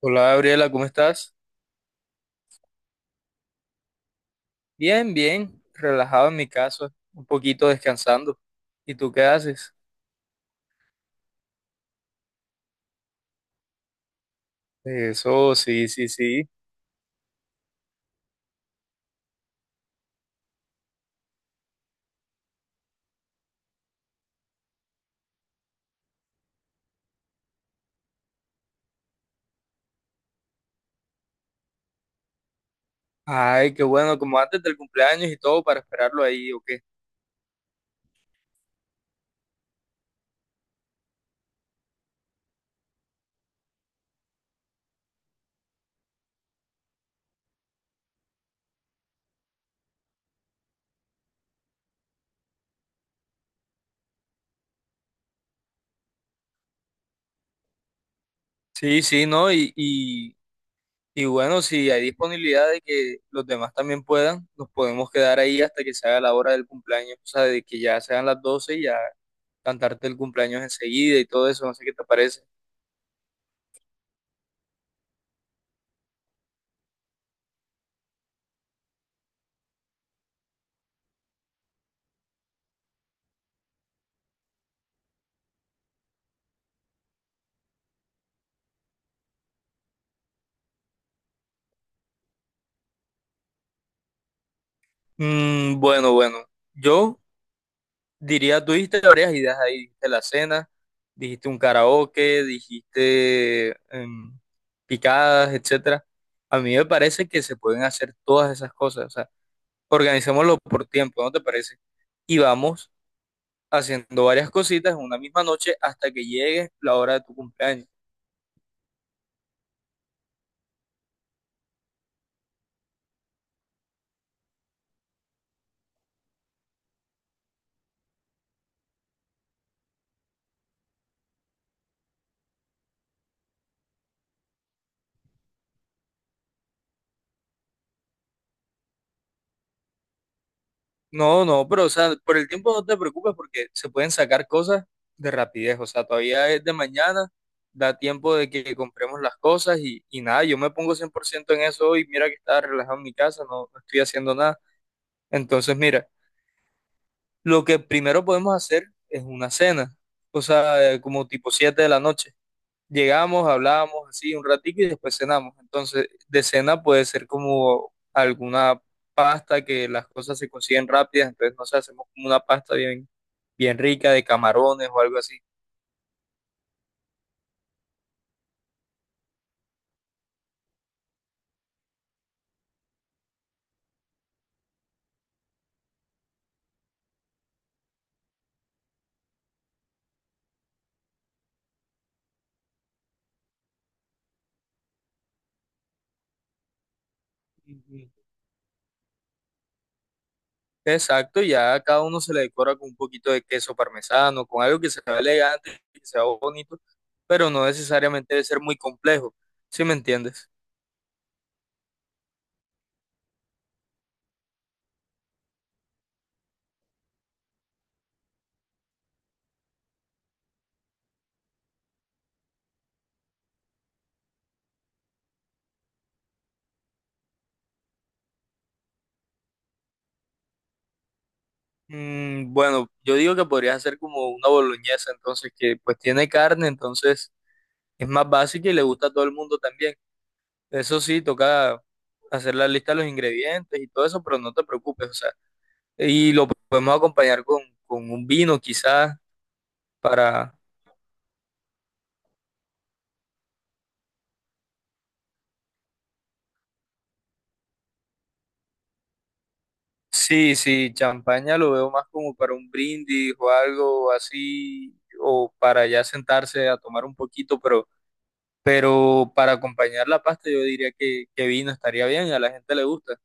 Hola Gabriela, ¿cómo estás? Bien, bien, relajado en mi casa, un poquito descansando. ¿Y tú qué haces? Eso, sí, sí, sí. Ay, qué bueno, como antes del cumpleaños y todo para esperarlo ahí, ¿o qué? Sí, sí, ¿no? Y bueno, si hay disponibilidad de que los demás también puedan, nos podemos quedar ahí hasta que se haga la hora del cumpleaños, o sea, de que ya sean las 12 y ya cantarte el cumpleaños enseguida y todo eso, no sé qué te parece. Mm, bueno, bueno, yo diría, tú dijiste varias ideas ahí, dijiste la cena, dijiste un karaoke, dijiste picadas, etcétera. A mí me parece que se pueden hacer todas esas cosas, o sea, organizémoslo por tiempo, ¿no te parece? Y vamos haciendo varias cositas en una misma noche hasta que llegue la hora de tu cumpleaños. No, no, pero o sea, por el tiempo no te preocupes porque se pueden sacar cosas de rapidez. O sea, todavía es de mañana, da tiempo de que compremos las cosas y nada, yo me pongo 100% en eso hoy. Mira que estaba relajado en mi casa, no, no estoy haciendo nada. Entonces, mira, lo que primero podemos hacer es una cena, o sea, como tipo 7 de la noche. Llegamos, hablábamos así un ratico y después cenamos. Entonces, de cena puede ser como alguna pasta que las cosas se consiguen rápidas, entonces no sé, hacemos como una pasta bien, bien rica de camarones o algo así. Ujú. Exacto, ya a cada uno se le decora con un poquito de queso parmesano, con algo que se vea elegante, que se vea bonito, pero no necesariamente debe ser muy complejo, ¿sí me entiendes? Mm, bueno, yo digo que podrías hacer como una boloñesa, entonces que pues tiene carne, entonces es más básica y le gusta a todo el mundo también. Eso sí, toca hacer la lista de los ingredientes y todo eso, pero no te preocupes, o sea, y lo podemos acompañar con un vino quizás para, sí, sí, champaña lo veo más como para un brindis o algo así, o para ya sentarse a tomar un poquito, pero para acompañar la pasta yo diría que vino estaría bien a la gente le gusta.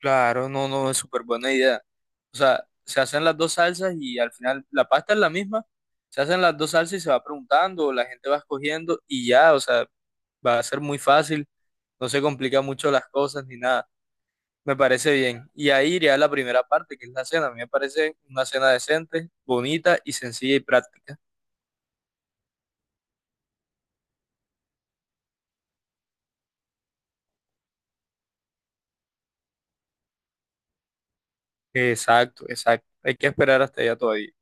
Claro, no, no, es súper buena idea. O sea, se hacen las dos salsas y al final la pasta es la misma. Se hacen las dos salsas y se va preguntando, la gente va escogiendo y ya, o sea, va a ser muy fácil, no se complica mucho las cosas ni nada. Me parece bien. Y ahí iría la primera parte, que es la cena. A mí me parece una cena decente, bonita y sencilla y práctica. Exacto, exacto. Hay que esperar hasta allá todavía.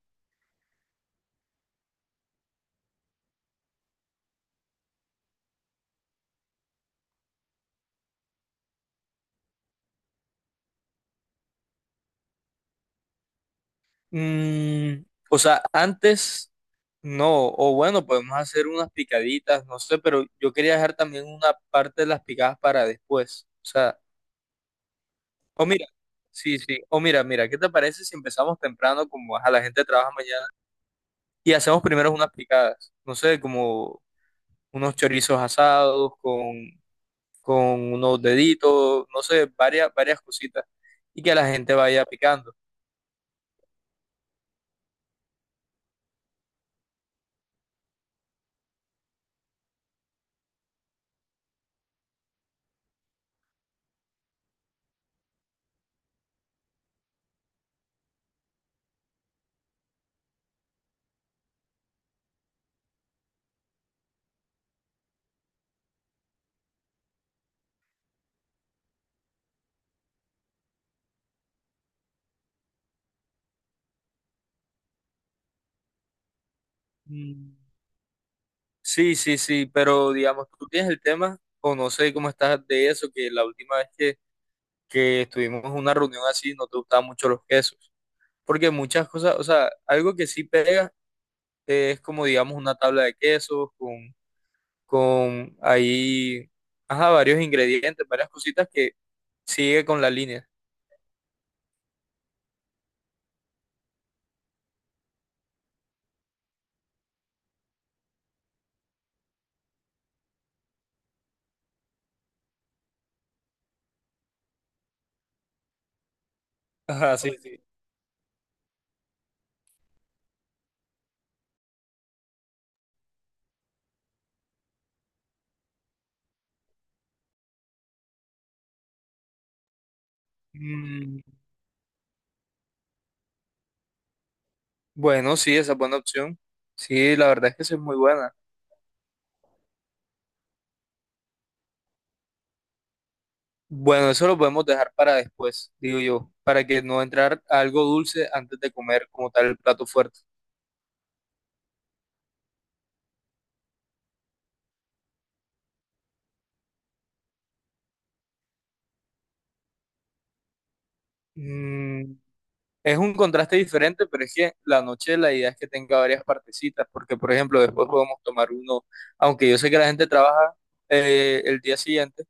Mm, o sea, antes no, o bueno, podemos hacer unas picaditas, no sé, pero yo quería dejar también una parte de las picadas para después. O sea, o mira, sí, sí, mira, ¿qué te parece si empezamos temprano, como a la gente trabaja mañana, y hacemos primero unas picadas? No sé, como unos chorizos asados con, unos deditos, no sé, varias cositas, y que la gente vaya picando. Mm. Sí, sí, sí, pero digamos, tú tienes el tema, o no sé cómo estás de eso, que la última vez que estuvimos en una reunión así, no te gustaban mucho los quesos. Porque muchas cosas, o sea, algo que sí pega es como, digamos, una tabla de quesos con ahí, ajá, varios ingredientes, varias cositas que sigue con la línea. Ajá, sí, sí. Mm, bueno, sí, esa es buena opción. Sí, la verdad es que esa es muy buena. Bueno, eso lo podemos dejar para después, digo yo, para que no entrar algo dulce antes de comer como tal el plato fuerte. Mm, es un contraste diferente, pero es que la noche la idea es que tenga varias partecitas, porque por ejemplo después podemos tomar uno, aunque yo sé que la gente trabaja el día siguiente,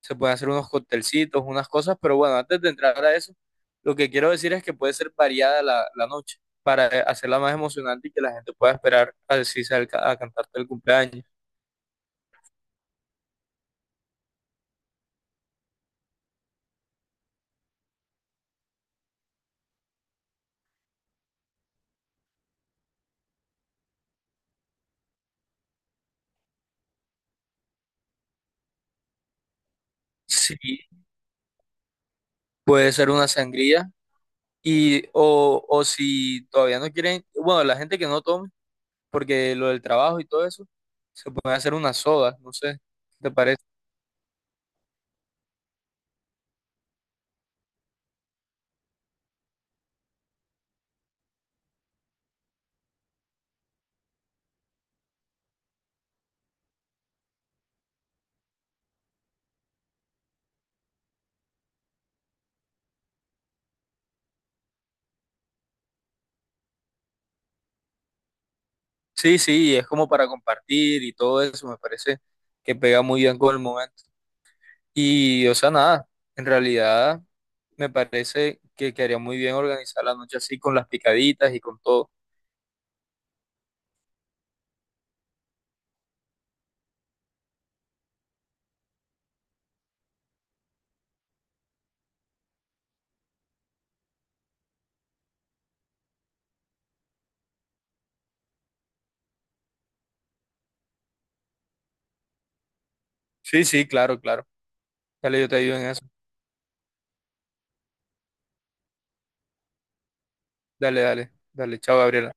se pueden hacer unos coctelcitos, unas cosas, pero bueno, antes de entrar a eso, lo que quiero decir es que puede ser variada la, la noche para hacerla más emocionante y que la gente pueda esperar a decirse a cantarte el cumpleaños. Sí, puede ser una sangría y o si todavía no quieren, bueno, la gente que no toma porque lo del trabajo y todo eso, se puede hacer una soda, no sé, ¿qué te parece? Sí, sí, es como para compartir y todo eso, me parece que pega muy bien con el momento. Y, o sea, nada, en realidad me parece que quedaría muy bien organizar la noche así con las picaditas y con todo. Sí, sí, claro, claro. Dale, yo te ayudo en eso. Dale, dale, dale, chao, Gabriela.